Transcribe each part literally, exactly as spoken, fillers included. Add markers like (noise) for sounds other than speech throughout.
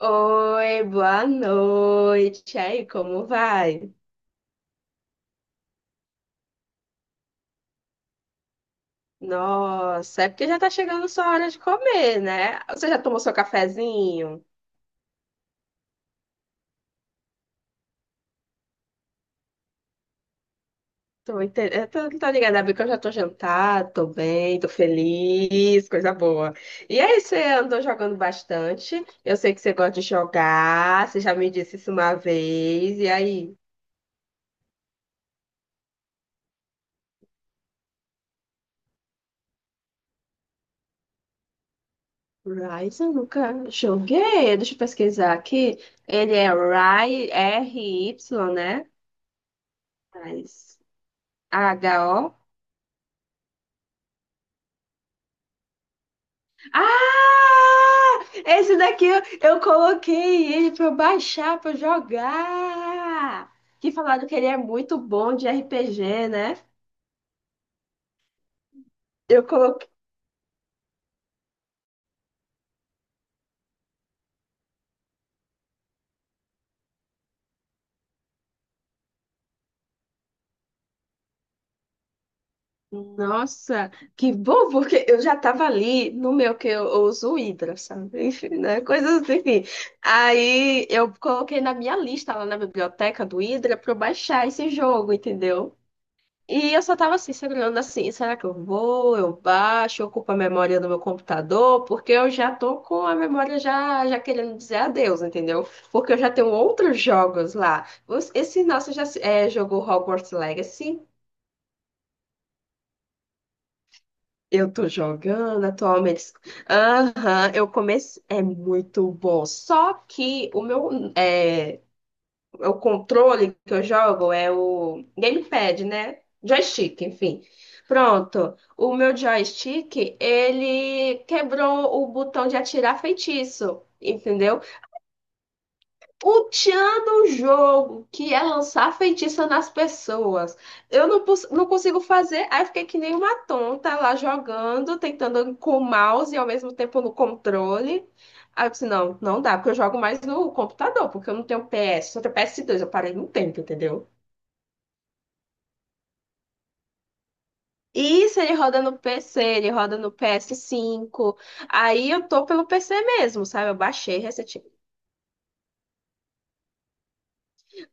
Oi, boa noite. E aí, como vai? Nossa, é porque já tá chegando sua hora de comer, né? Você já tomou seu cafezinho? Tô, inte... eu tô, tô ligada, é porque eu já tô jantada, tô bem, tô feliz, coisa boa. E aí, você andou jogando bastante? Eu sei que você gosta de jogar, você já me disse isso uma vez. E aí? Rise, eu nunca joguei. Deixa eu pesquisar aqui. Ele é Ry- R Y, né? Rise. H O. Ah! Esse daqui eu, eu coloquei ele pra eu baixar, pra eu jogar. Que falaram que ele é muito bom de R P G, né? Eu coloquei. Nossa, que bom, porque eu já tava ali no meu que eu, eu uso o Hydra, sabe? Enfim, né? Coisas assim. Aí eu coloquei na minha lista lá na biblioteca do Hydra pra eu baixar esse jogo, entendeu? E eu só tava assim, segurando assim, será que eu vou, eu baixo, eu ocupo a memória do meu computador, porque eu já tô com a memória já, já querendo dizer adeus, entendeu? Porque eu já tenho outros jogos lá. Os- Esse nosso já se- é, jogou Hogwarts Legacy, eu tô jogando atualmente. Aham, eu comecei, é muito bom. Só que o meu, é, o controle que eu jogo é o gamepad, né? Joystick, enfim. Pronto. O meu joystick, ele quebrou o botão de atirar feitiço, entendeu? Ultiando o jogo, que é lançar feitiça nas pessoas. Eu não, pos- não consigo fazer, aí eu fiquei que nem uma tonta lá jogando, tentando com o mouse e ao mesmo tempo no controle. Aí eu disse, não, não dá, porque eu jogo mais no computador, porque eu não tenho P S, só tenho P S dois. Eu parei no tempo, entendeu? Isso, ele roda no P C, ele roda no P S cinco. Aí eu tô pelo P C mesmo, sabe? Eu baixei recentemente.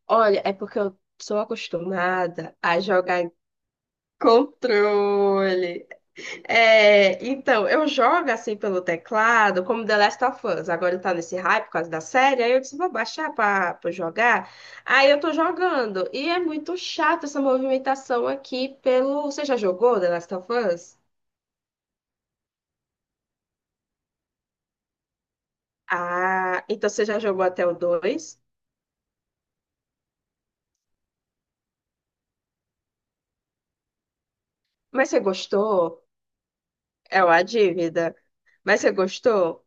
Olha, é porque eu sou acostumada a jogar. Controle. É, então, eu jogo assim pelo teclado, como The Last of Us. Agora tá nesse hype por causa da série. Aí eu disse, vou baixar pra, pra jogar. Aí eu tô jogando. E é muito chato essa movimentação aqui pelo. Você já jogou The Last of Us? Ah, então você já jogou até o dois? Mas você gostou? É uma dívida. Mas você gostou?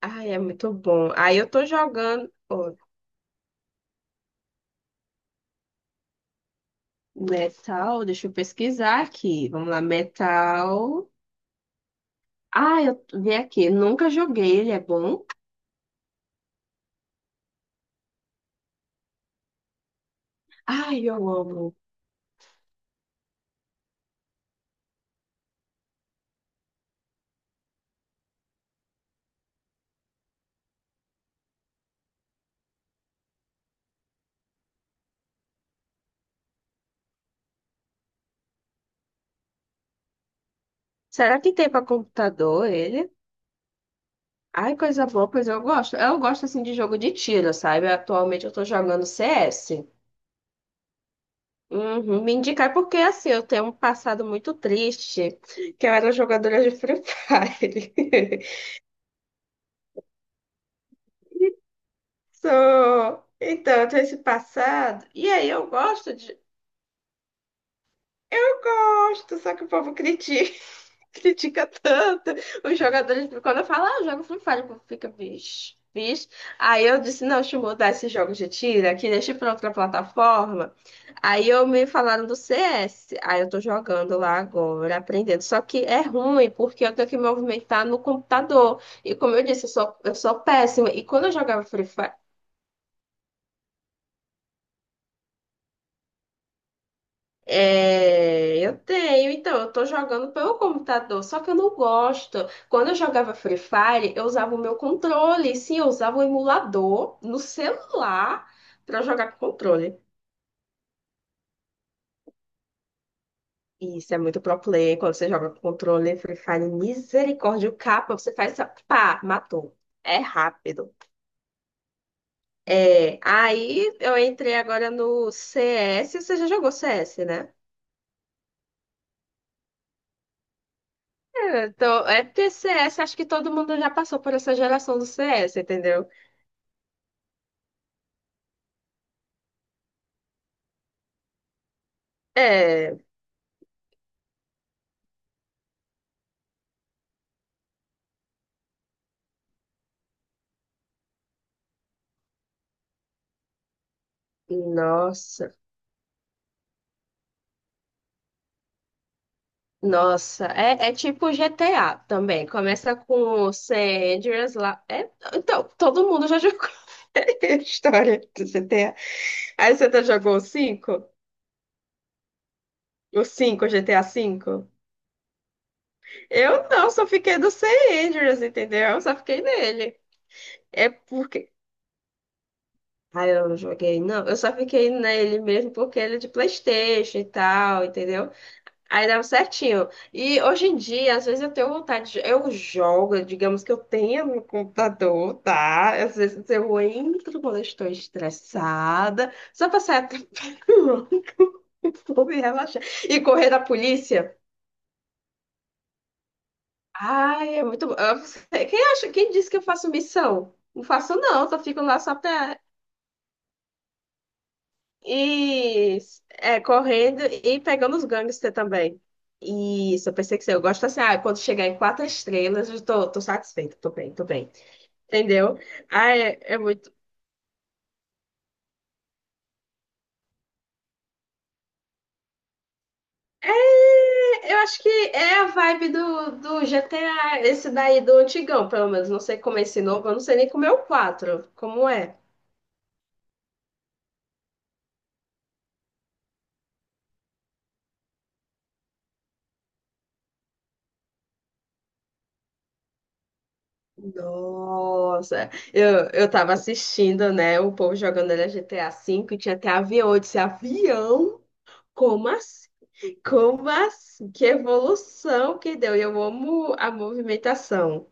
Ai, é muito bom. Aí eu tô jogando. Metal, deixa eu pesquisar aqui. Vamos lá, metal. Ah, eu vi aqui. Nunca joguei, ele é bom. Ai, eu amo. Será que tem para computador ele? Ai, coisa boa, pois eu gosto. Eu gosto assim de jogo de tiro, sabe? Atualmente eu tô jogando C S. Uhum, me indicar porque assim, eu tenho um passado muito triste, que eu era jogadora de Free Fire. (laughs) Sou. Então, eu tenho esse passado. E aí eu gosto de. Eu gosto, só que o povo critica. (laughs) Critica tanto. Os jogadores, quando eu falo, ah, eu jogo Free Fire, o povo fica, bicho, bicho. Aí eu disse, não, deixa eu mudar esse jogo de tira, que deixa pra outra plataforma. Aí eu me falaram do C S. Aí eu tô jogando lá agora, aprendendo. Só que é ruim, porque eu tenho que me movimentar no computador. E como eu disse, eu sou, eu sou péssima. E quando eu jogava Free Fire, é, eu tenho, então, eu tô jogando pelo computador, só que eu não gosto. Quando eu jogava Free Fire, eu usava o meu controle, sim, eu usava o emulador no celular pra jogar com controle. Isso é muito pro play, quando você joga com controle, Free Fire, misericórdia, o capa, você faz essa, pá, matou. É rápido. É, aí eu entrei agora no C S, você já jogou C S, né? É, então, é porque C S, acho que todo mundo já passou por essa geração do C S, entendeu? É, nossa, nossa, é, é tipo G T A também. Começa com o San Andreas lá. É, então, todo mundo já jogou (laughs) a história do G T A. Aí você tá jogou o cinco, o cinco, G T A cinco. Eu não, só fiquei do San Andreas, entendeu? Eu só fiquei nele. É porque. Ah, eu não joguei, não. Eu só fiquei nele mesmo porque ele é de PlayStation e tal, entendeu? Aí dava certinho. E hoje em dia, às vezes eu tenho vontade de... Eu jogo, digamos que eu tenha no computador, tá? Às vezes eu entro quando eu estou estressada, só pra sair até (laughs) vou me relaxar. E correr da polícia. Ai, é muito bom. Eu- Quem acha, quem disse que eu faço missão? Não faço não, só fico lá só pra. E é, correndo e pegando os gangsters também. Isso, eu pensei que sim. Eu gosto assim, ah, quando chegar em quatro estrelas, eu tô, tô satisfeita, tô bem, tô bem. Entendeu? Ah, é, é muito. É, eu acho que é a vibe do, do G T A, esse daí do antigão, pelo menos. Não sei como é esse novo, eu não sei nem como é o quatro como é. Nossa, eu, eu tava assistindo, né, o povo jogando ele G T A vê e tinha até avião. Eu disse, avião? Como assim? Como assim? Que evolução que deu! E eu amo a movimentação.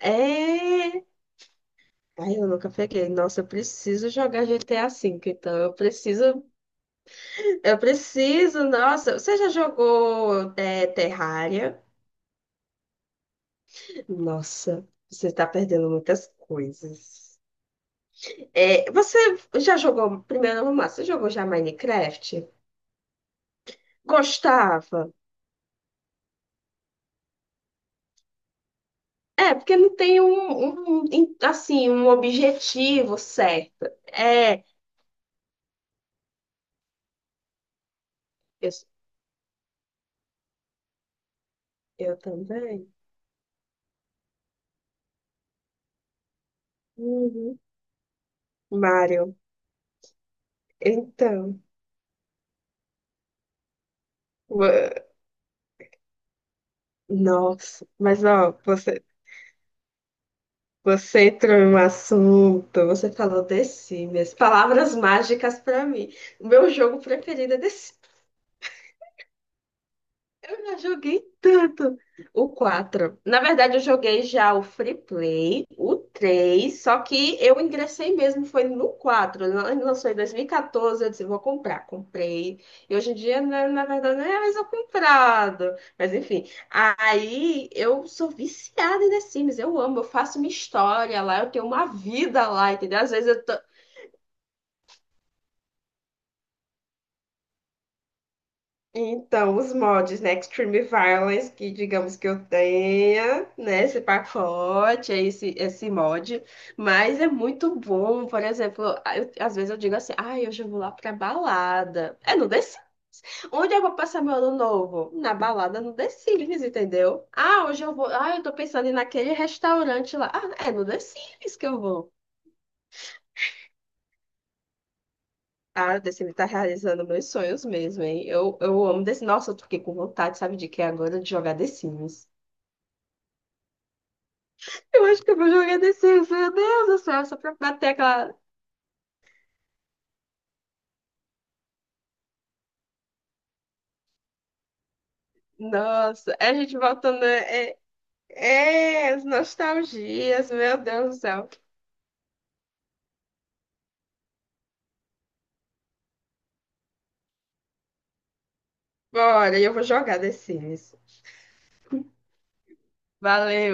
É. Ai, eu nunca peguei. Nossa, eu preciso jogar G T A vê, então eu preciso. Eu preciso, nossa. Você já jogou é, Terraria? Nossa, você está perdendo muitas coisas. É, você já jogou, primeiro vamos lá, você jogou já Minecraft? Gostava? É, porque não tem um, um, um, assim, um objetivo certo. É. Eu, eu também. Uhum. Mário, então, ua- nossa, mas ó, você, você entrou em um assunto, você falou The Sims, palavras mágicas pra mim. O meu jogo preferido é The Sims. Eu já joguei tanto o quatro. Na verdade, eu joguei já o Free Play, o três, só que eu ingressei mesmo, foi no quatro. Ele lançou em dois mil e quatorze, eu disse, vou comprar. Comprei. E hoje em dia, né, na verdade, não é mais eu comprado. Mas enfim, aí eu sou viciada em The Sims, eu amo, eu faço minha história lá, eu tenho uma vida lá, entendeu? Às vezes eu tô, então, os mods, né? Extreme Violence, que digamos que eu tenha, né? Esse pacote, é esse, esse mod. Mas é muito bom, por exemplo, eu- às vezes eu digo assim, ai, hoje eu vou lá pra balada. É no The Sims. Onde eu vou passar meu ano novo? Na balada no The Sims, entendeu? Ah, hoje eu vou. Ah, eu tô pensando em ir naquele restaurante lá. Ah, é no The Sims que eu vou. Ah, o The Sims tá realizando meus sonhos mesmo, hein? Eu, eu amo The Sims. Nossa, eu fiquei com vontade, sabe de quê agora? De jogar The Sims. Eu acho que eu vou jogar desse, meu Deus do céu, só pra bater aquela. Nossa, é a gente voltando. É, é, as nostalgias, meu Deus do céu. Bora, eu vou jogar The Sims. Valeu.